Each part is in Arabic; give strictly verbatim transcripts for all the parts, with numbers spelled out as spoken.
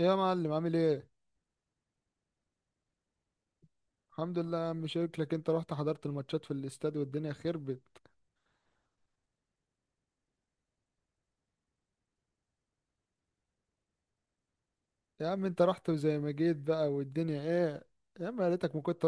إيه يا معلم عامل ايه؟ الحمد لله يا عم، شكلك انت رحت حضرت الماتشات في الاستاد والدنيا خربت. يا عم انت رحت وزي ما جيت بقى والدنيا ايه. يا عم يا ريتك ما كنت.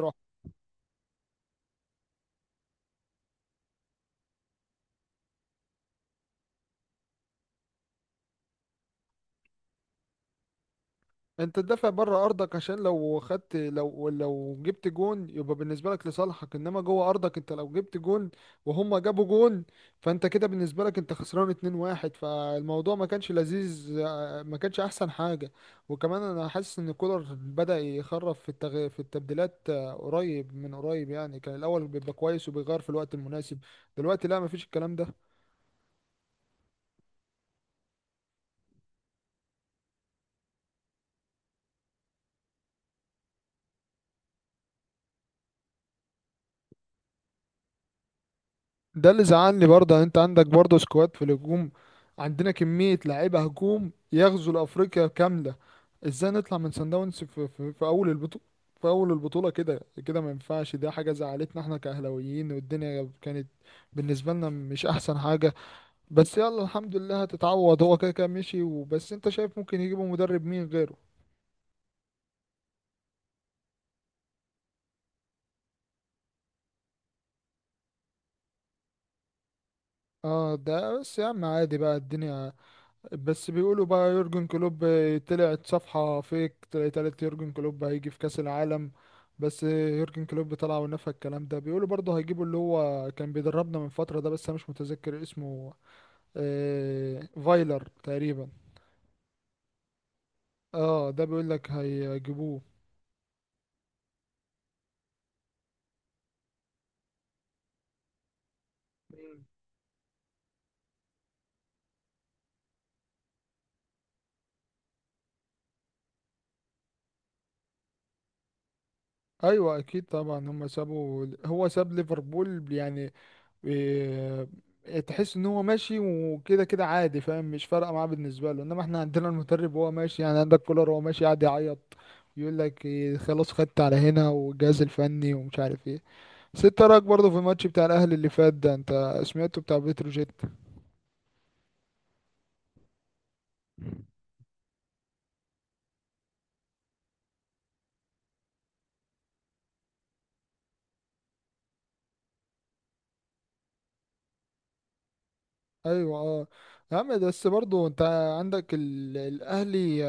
انت تدافع بره ارضك عشان لو خدت، لو لو جبت جون يبقى بالنسبه لك لصالحك، انما جوه ارضك انت لو جبت جون وهم جابوا جون فانت كده بالنسبه لك انت خسران اتنين واحد. فالموضوع ما كانش لذيذ، آه، ما كانش احسن حاجه. وكمان انا حاسس ان كولر بدأ يخرف في التغ... في التبديلات، آه، قريب من قريب يعني، كان الاول بيبقى كويس وبيغير في الوقت المناسب. دلوقتي لا، مفيش الكلام ده. ده اللي زعلني برضه، يعني انت عندك برضه سكواد في الهجوم. عندنا كمية لعيبة هجوم يغزو لأفريقيا كاملة. ازاي نطلع من سان داونز في, في, في أول البطولة، في أول البطولة كده. كده ما ينفعش، ده حاجة زعلتنا احنا كأهلاويين، والدنيا كانت بالنسبة لنا مش أحسن حاجة. بس يلا الحمد لله، هتتعوض. هو كده كده مشي وبس. انت شايف ممكن يجيبوا مدرب مين غيره؟ اه ده بس يا عم، عادي بقى الدنيا. بس بيقولوا بقى يورجن كلوب، طلعت صفحة فيك طلعت يورجن كلوب هيجي في كأس العالم. بس يورجن كلوب طلع ونفى الكلام ده. بيقولوا برضه هيجيبوا اللي هو كان بيدربنا من فترة ده، بس أنا مش متذكر اسمه. آه فايلر تقريبا. اه ده بيقول لك هيجيبوه. مم. ايوه اكيد طبعا، هم سابوا، هو ساب ليفربول يعني. إيه، تحس ان هو ماشي وكده كده عادي، فاهم؟ مش فارقه معاه بالنسبه له، انما احنا عندنا المدرب وهو ماشي، يعني عندك كولر وهو ماشي قاعد يعيط يقول لك إيه، خلاص خدت على هنا والجهاز الفني ومش عارف ايه. بس انت رايك برضه في الماتش بتاع الاهلي اللي فات ده، انت سمعته بتاع بتروجيت؟ ايوه اه. يا عم بس برضو انت عندك ال- الاهلي،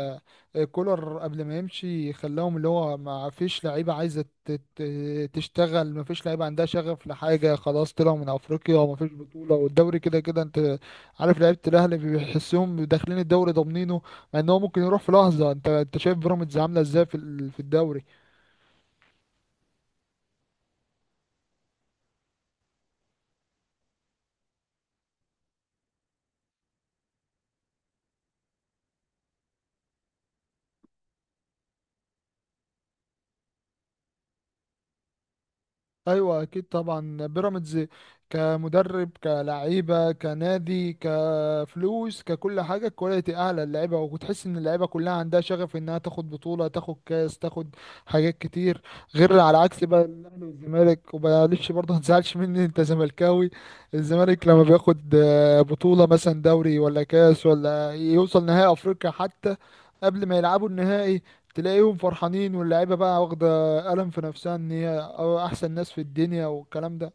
آه، كولر قبل ما يمشي خلاهم اللي هو ما فيش لعيبه عايزه ت- ت- تشتغل، ما فيش لعيبه عندها شغف لحاجه، خلاص طلعوا من افريقيا وما فيش بطوله، والدوري كده كده انت عارف، لعيبه الاهلي بيحسهم داخلين الدوري ضامنينه، مع ان هو ممكن يروح في لحظه. انت انت شايف بيراميدز عامله ازاي في ال- في الدوري؟ ايوه اكيد طبعا بيراميدز كمدرب كلعيبه كنادي كفلوس ككل حاجه كواليتي اعلى، اللعيبه وتحس ان اللعيبه كلها عندها شغف انها تاخد بطوله، تاخد كاس، تاخد حاجات كتير، غير على عكس بقى الاهلي والزمالك. ومعلش برضه ما تزعلش مني، انت زملكاوي. الزمالك لما بياخد، آه، بطوله مثلا دوري ولا كاس ولا يوصل نهائي افريقيا حتى، قبل ما يلعبوا النهائي تلاقيهم فرحانين، واللعيبه بقى واخده قلم في نفسها ان هي أو احسن ناس في الدنيا والكلام ده.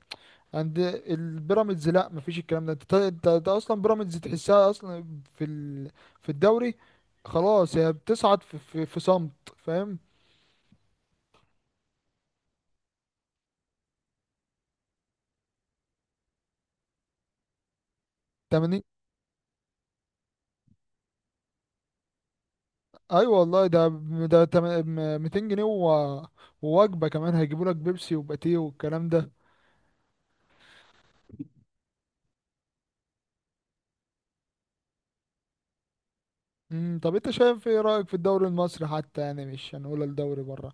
عند البيراميدز لا مفيش الكلام ده. انت ت- انت أنت اصلا بيراميدز تحسها اصلا في ال... في الدوري، خلاص هي بتصعد في في, في صمت، فاهم؟ تمانين. ايوه والله ده، ده تم- مائتين جنيه و... ووجبه كمان هيجيبوا لك بيبسي وباتيه والكلام ده. امم، طب انت شايف ايه رايك في الدوري المصري حتى، يعني مش هنقول الدوري بره؟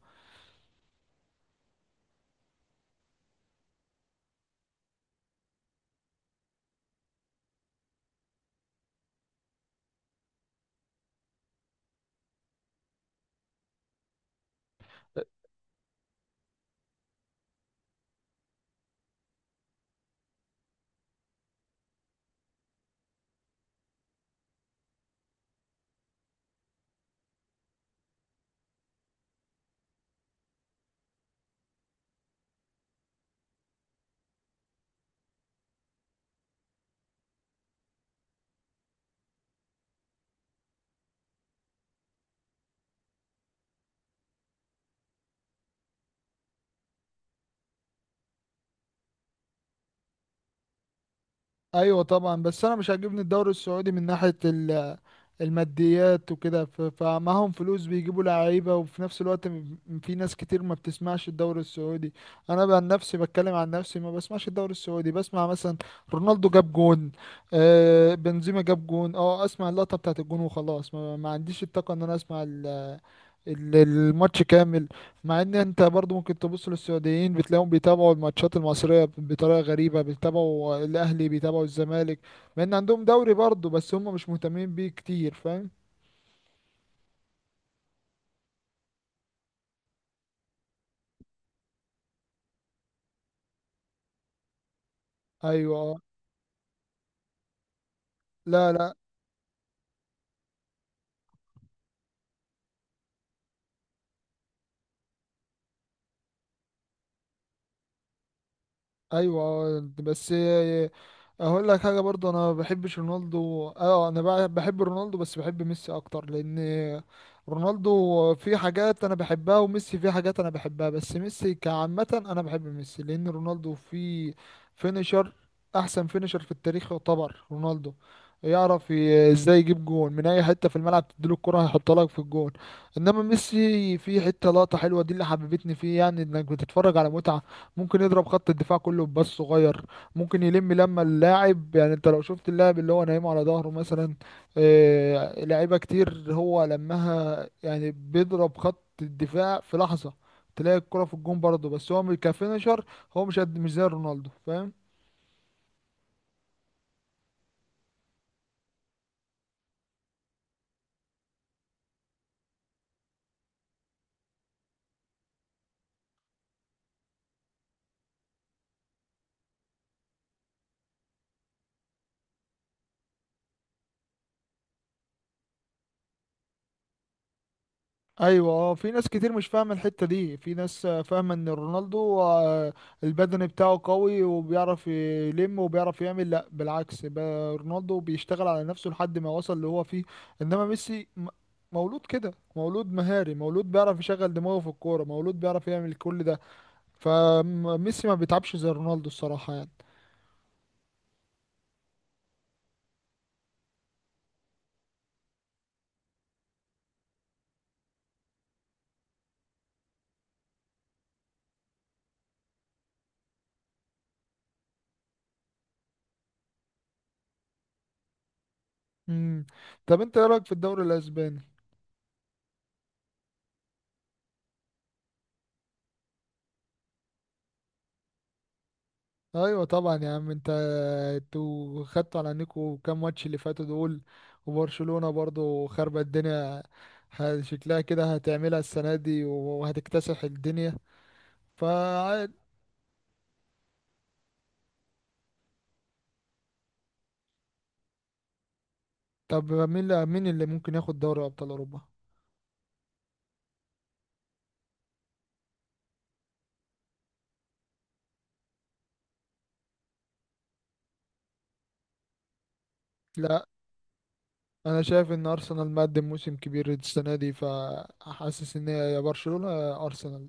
ايوه طبعا. بس انا مش عاجبني الدوري السعودي من ناحيه ال- الماديات وكده، ف- فمعاهم فلوس بيجيبوا لعيبه، وفي نفس الوقت م- في ناس كتير ما بتسمعش الدوري السعودي. انا بقى عن نفسي بتكلم، عن نفسي ما بسمعش الدوري السعودي، بسمع مثلا رونالدو جاب جون، آه بنزيما جاب جون، اه اسمع اللقطه بتاعت الجون وخلاص، ما, ما عنديش الطاقه ان انا اسمع ال- الماتش كامل. مع ان انت برضو ممكن تبص للسعوديين بتلاقيهم بيتابعوا الماتشات المصرية ب- بطريقة غريبة، بيتابعوا الاهلي بيتابعوا الزمالك، مع ان عندهم دوري برضو بس هم مش مهتمين بيه كتير، فاهم؟ ايوه آه. لا لا. ايوه بس هقول لك حاجه برضه، انا ما بحبش رونالدو، اه انا بع- بحب رونالدو بس بحب ميسي اكتر، لان رونالدو في حاجات انا بحبها، وميسي في حاجات انا بحبها، بس ميسي كعامه انا بحب ميسي، لان رونالدو في فينيشر، احسن فينيشر في التاريخ يعتبر رونالدو، يعرف ي- ازاي يجيب جون من اي حته في الملعب، تديله الكره هيحطها لك في الجون. انما ميسي في حته لقطه حلوه دي اللي حببتني فيه، يعني انك بتتفرج على متعه، ممكن يضرب خط الدفاع كله بباص صغير، ممكن يلم لما اللاعب، يعني انت لو شفت اللاعب اللي هو نايمه على ظهره مثلا، آه، لعيبه كتير هو لمها، يعني بيضرب خط الدفاع في لحظه تلاقي الكرة في الجون برضه، بس هو م- كفينشر هو مش قد، مش زي رونالدو، فاهم؟ ايوه اه. في ناس كتير مش فاهمه الحته دي، في ناس آه، فاهمه ان رونالدو آه، البدني بتاعه قوي وبيعرف يلم وبيعرف يعمل. لا بالعكس، ب- رونالدو بيشتغل على نفسه لحد ما وصل اللي هو فيه، انما ميسي م- مولود كده، مولود مهاري، مولود بيعرف يشغل دماغه في الكوره، مولود بيعرف يعمل كل ده، فميسي ما بيتعبش زي رونالدو الصراحه يعني. امم، طب انت ايه رايك في الدوري الاسباني؟ ايوه طبعا يا عم. انت انتوا خدتوا على عينيكوا كام ماتش اللي فاتوا دول، وبرشلونة برضو خربت الدنيا، ه- شكلها كده هتعملها السنة دي وهتكتسح الدنيا، ف... طب مين اللي مين اللي ممكن ياخد دوري ابطال اوروبا؟ لا انا شايف ان ارسنال مقدم موسم كبير السنة دي، فحاسس ان هي يا برشلونة يا ارسنال.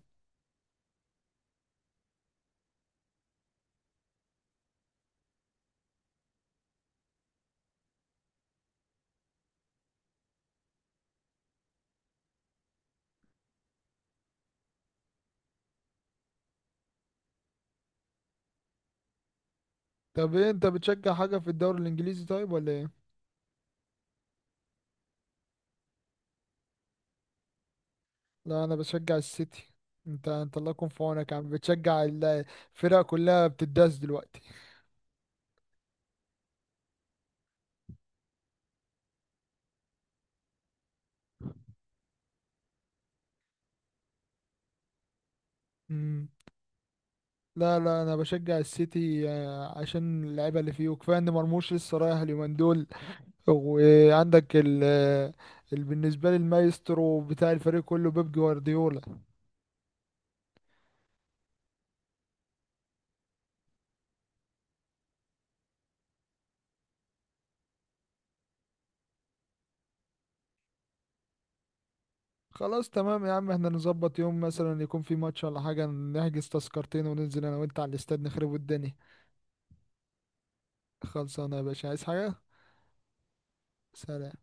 طب ايه، انت بتشجع حاجة في الدوري الانجليزي طيب ولا ايه؟ لا انا بشجع السيتي. انت انت الله يكون في عونك يا عم، بتشجع ال- الفرق كلها بتداس دلوقتي. مم. لا لا انا بشجع السيتي، آه، عشان اللعيبه اللي فيه، وكفايه ان مرموش لسه رايح اليومين دول. وعندك ال آه، ال- بالنسبه لي المايسترو بتاع الفريق كله بيب جوارديولا. خلاص تمام يا عم، احنا نظبط يوم مثلا يكون في ماتش ولا حاجه، نحجز تذكرتين وننزل انا وانت على الاستاد نخرب الدنيا. خلصانه يا باشا، عايز حاجه؟ سلام.